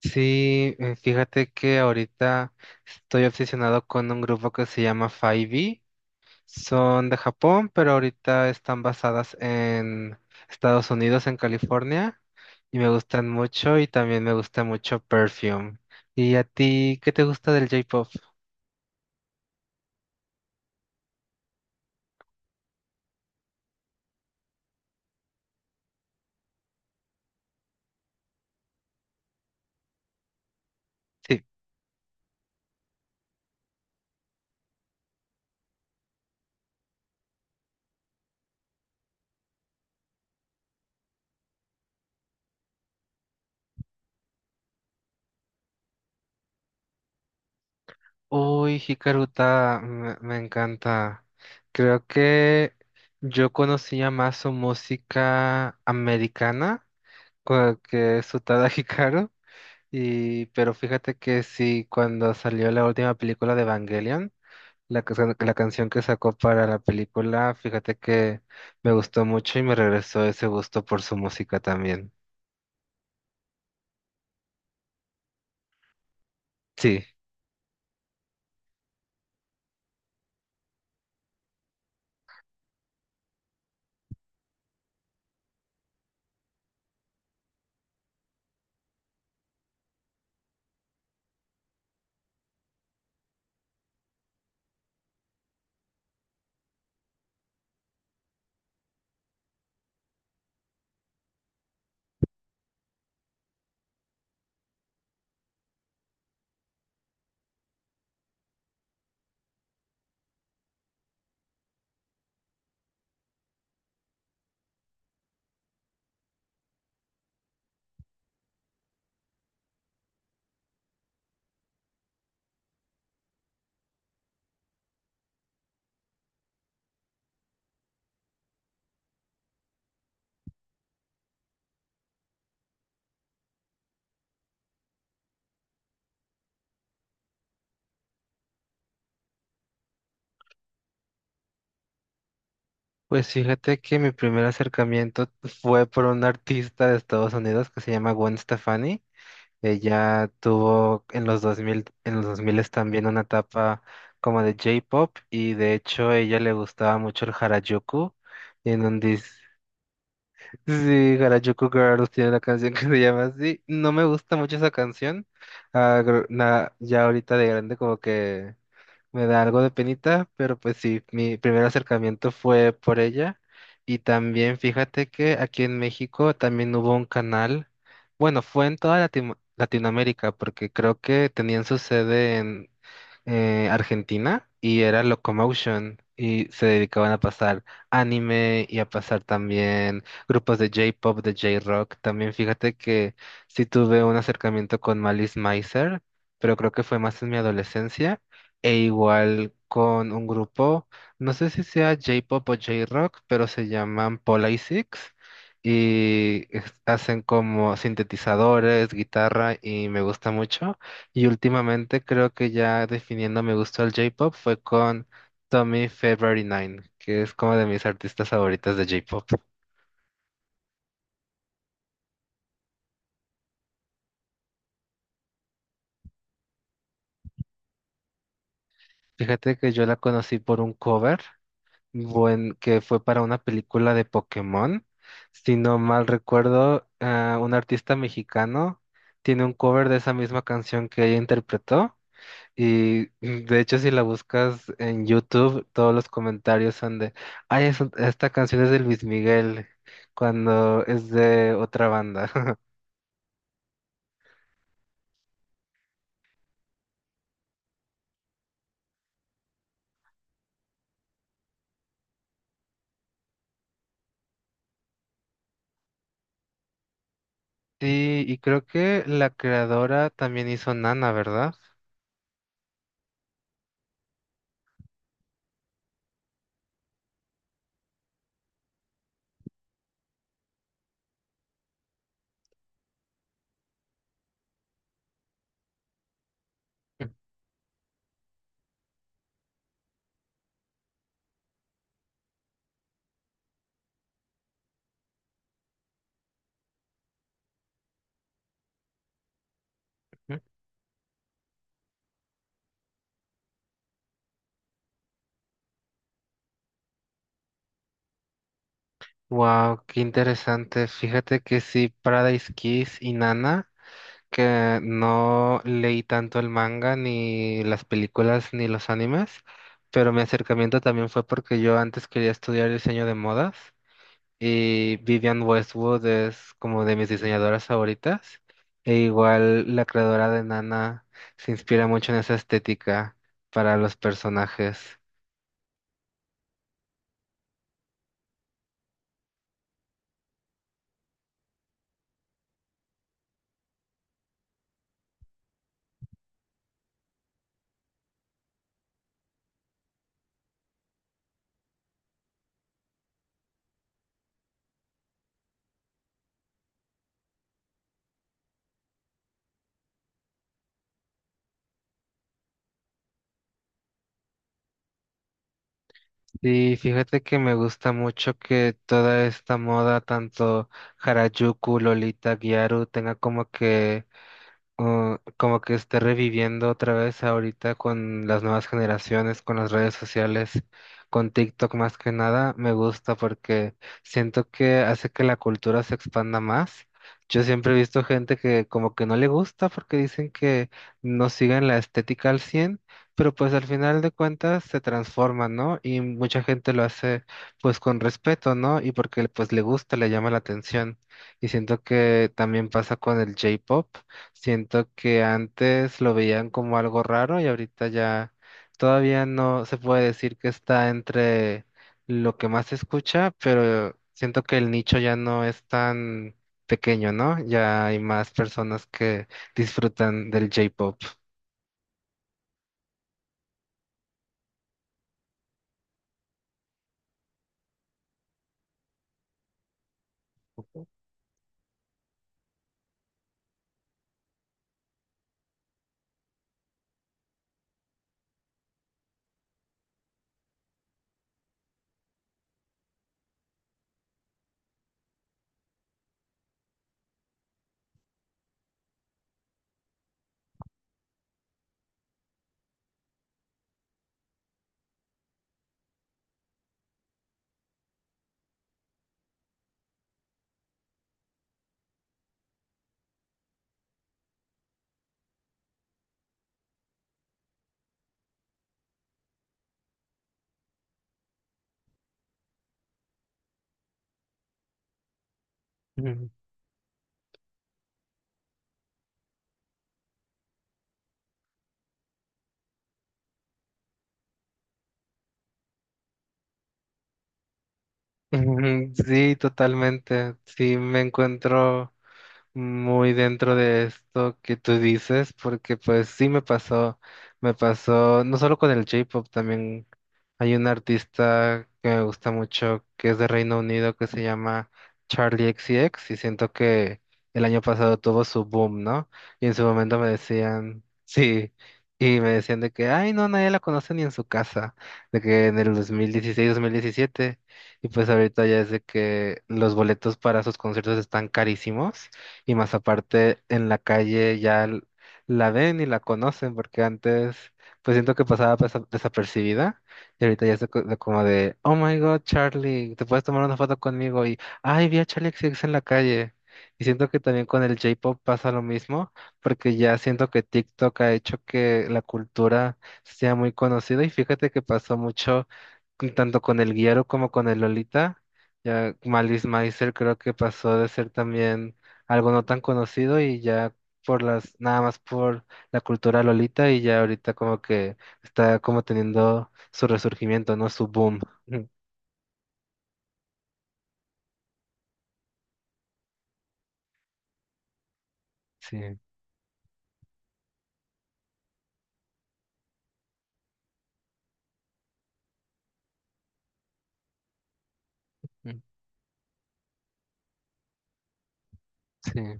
Sí, fíjate que ahorita estoy obsesionado con un grupo que se llama 5. Son de Japón, pero ahorita están basadas en Estados Unidos, en California, y me gustan mucho y también me gusta mucho Perfume. ¿Y a ti qué te gusta del J-Pop? Sí. Uy, Hikaruta, me encanta. Creo que yo conocía más su música americana, que su Tada Hikaru. Y, pero fíjate que sí, cuando salió la última película de Evangelion, la, que la canción que sacó para la película, fíjate que me gustó mucho y me regresó ese gusto por su música también. Sí, pues fíjate que mi primer acercamiento fue por una artista de Estados Unidos que se llama Gwen Stefani. Ella tuvo en los 2000 también una etapa como de J-pop y de hecho a ella le gustaba mucho el Harajuku en donde... Sí, Harajuku Girls tiene una canción que se llama así. No me gusta mucho esa canción. Ah, ya ahorita de grande como que me da algo de penita, pero pues sí, mi primer acercamiento fue por ella. Y también fíjate que aquí en México también hubo un canal, bueno, fue en toda Latinoamérica, porque creo que tenían su sede Argentina, y era Locomotion y se dedicaban a pasar anime y a pasar también grupos de J-pop, de J-rock. También fíjate que sí tuve un acercamiento con Malice Mizer, pero creo que fue más en mi adolescencia e igual con un grupo, no sé si sea J-pop o J-rock, pero se llaman Polysix. Hacen como sintetizadores, guitarra, y me gusta mucho. Y últimamente creo que ya definiendo mi gusto al J-pop fue con Tommy February Nine, que es como de mis artistas favoritas de J-pop. Fíjate que yo la conocí por un cover, que fue para una película de Pokémon. Si no mal recuerdo, un artista mexicano tiene un cover de esa misma canción que ella interpretó. Y de hecho, si la buscas en YouTube, todos los comentarios son de, ay, esta canción es de Luis Miguel, cuando es de otra banda. Sí, y creo que la creadora también hizo Nana, ¿verdad? Wow, qué interesante. Fíjate que sí, Paradise Kiss y Nana, que no leí tanto el manga, ni las películas, ni los animes, pero mi acercamiento también fue porque yo antes quería estudiar diseño de modas. Y Vivian Westwood es como de mis diseñadoras favoritas. E igual la creadora de Nana se inspira mucho en esa estética para los personajes. Y fíjate que me gusta mucho que toda esta moda, tanto Harajuku, Lolita, Gyaru, tenga como que esté reviviendo otra vez ahorita con las nuevas generaciones, con las redes sociales, con TikTok más que nada. Me gusta porque siento que hace que la cultura se expanda más. Yo siempre he visto gente que como que no le gusta porque dicen que no siguen la estética al 100, pero pues al final de cuentas se transforma, ¿no? Y mucha gente lo hace pues con respeto, ¿no? Y porque pues le gusta, le llama la atención. Y siento que también pasa con el J-pop. Siento que antes lo veían como algo raro y ahorita ya todavía no se puede decir que está entre lo que más se escucha, pero siento que el nicho ya no es tan pequeño, ¿no? Ya hay más personas que disfrutan del J-pop. Ujú. Ujú, sí, totalmente. Sí, me encuentro muy dentro de esto que tú dices, porque pues sí me pasó, no solo con el J-pop. También hay un artista que me gusta mucho, que es de Reino Unido, que se llama Charlie X C X, y siento que el año pasado tuvo su boom, ¿no? Y en su momento me decían, sí, y me decían de que, ay, no, nadie la conoce ni en su casa, de que en el dos mil dieciséis mil diecisiete, y pues ahorita ya es de que los boletos para sus conciertos están carísimos, y más aparte en la calle ya la ven y la conocen, porque antes pues siento que pasaba desapercibida, y ahorita ya es de de como de, oh my God, Charlie, te puedes tomar una foto conmigo y, ay, vi a Charlie X C X en la calle. Y siento que también con el J-Pop pasa lo mismo, porque ya siento que TikTok ha hecho que la cultura sea muy conocida, y fíjate que pasó mucho tanto con el Guiero como con el Lolita. Ya Malice Meiser creo que pasó de ser también algo no tan conocido, y ya por las, nada más por la cultura Lolita, y ya ahorita como que está como teniendo su resurgimiento, ¿no? Su boom. Sí, ujú, sí,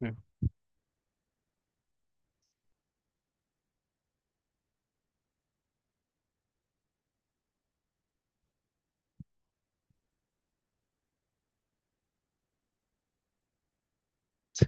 ujú, sí,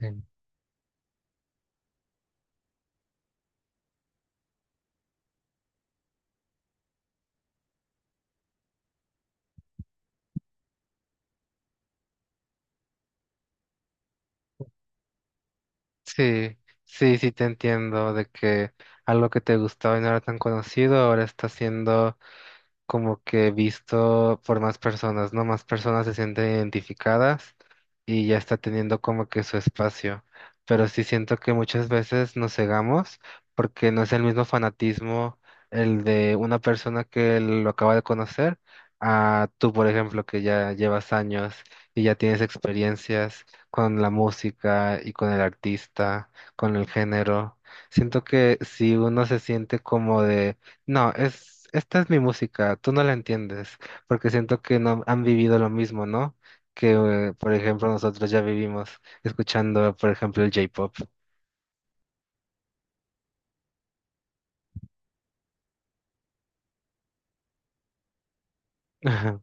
sí, sí, sí te entiendo de que algo que te gustaba y no era tan conocido ahora está siendo como que visto por más personas, ¿no? Más personas se sienten identificadas y ya está teniendo como que su espacio. Pero sí siento que muchas veces nos cegamos porque no es el mismo fanatismo el de una persona que lo acaba de conocer a tú, por ejemplo, que ya llevas años y ya tienes experiencias con la música y con el artista, con el género. Siento que si uno se siente como de no, esta es mi música, tú no la entiendes, porque siento que no han vivido lo mismo, ¿no? Que, por ejemplo, nosotros ya vivimos escuchando, por ejemplo, el J-pop. Ajá,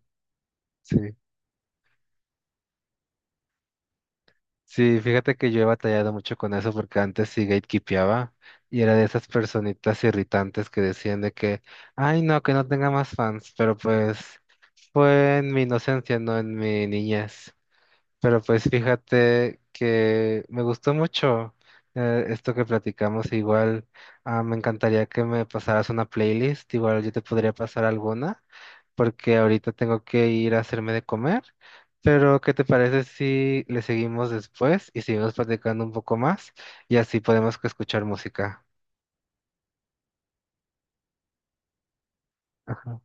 sí, sí, fíjate que yo he batallado mucho con eso porque antes sí gatekeepeaba y era de esas personitas irritantes que decían de que, ay, no, que no tenga más fans, pero pues fue en mi inocencia, no en mi niñez. Pero pues fíjate que me gustó mucho esto que platicamos. Igual me encantaría que me pasaras una playlist. Igual yo te podría pasar alguna, porque ahorita tengo que ir a hacerme de comer. Pero ¿qué te parece si le seguimos después y seguimos platicando un poco más? Y así podemos que escuchar música. Ajá.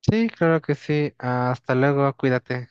Sí, claro que sí. Hasta luego, cuídate.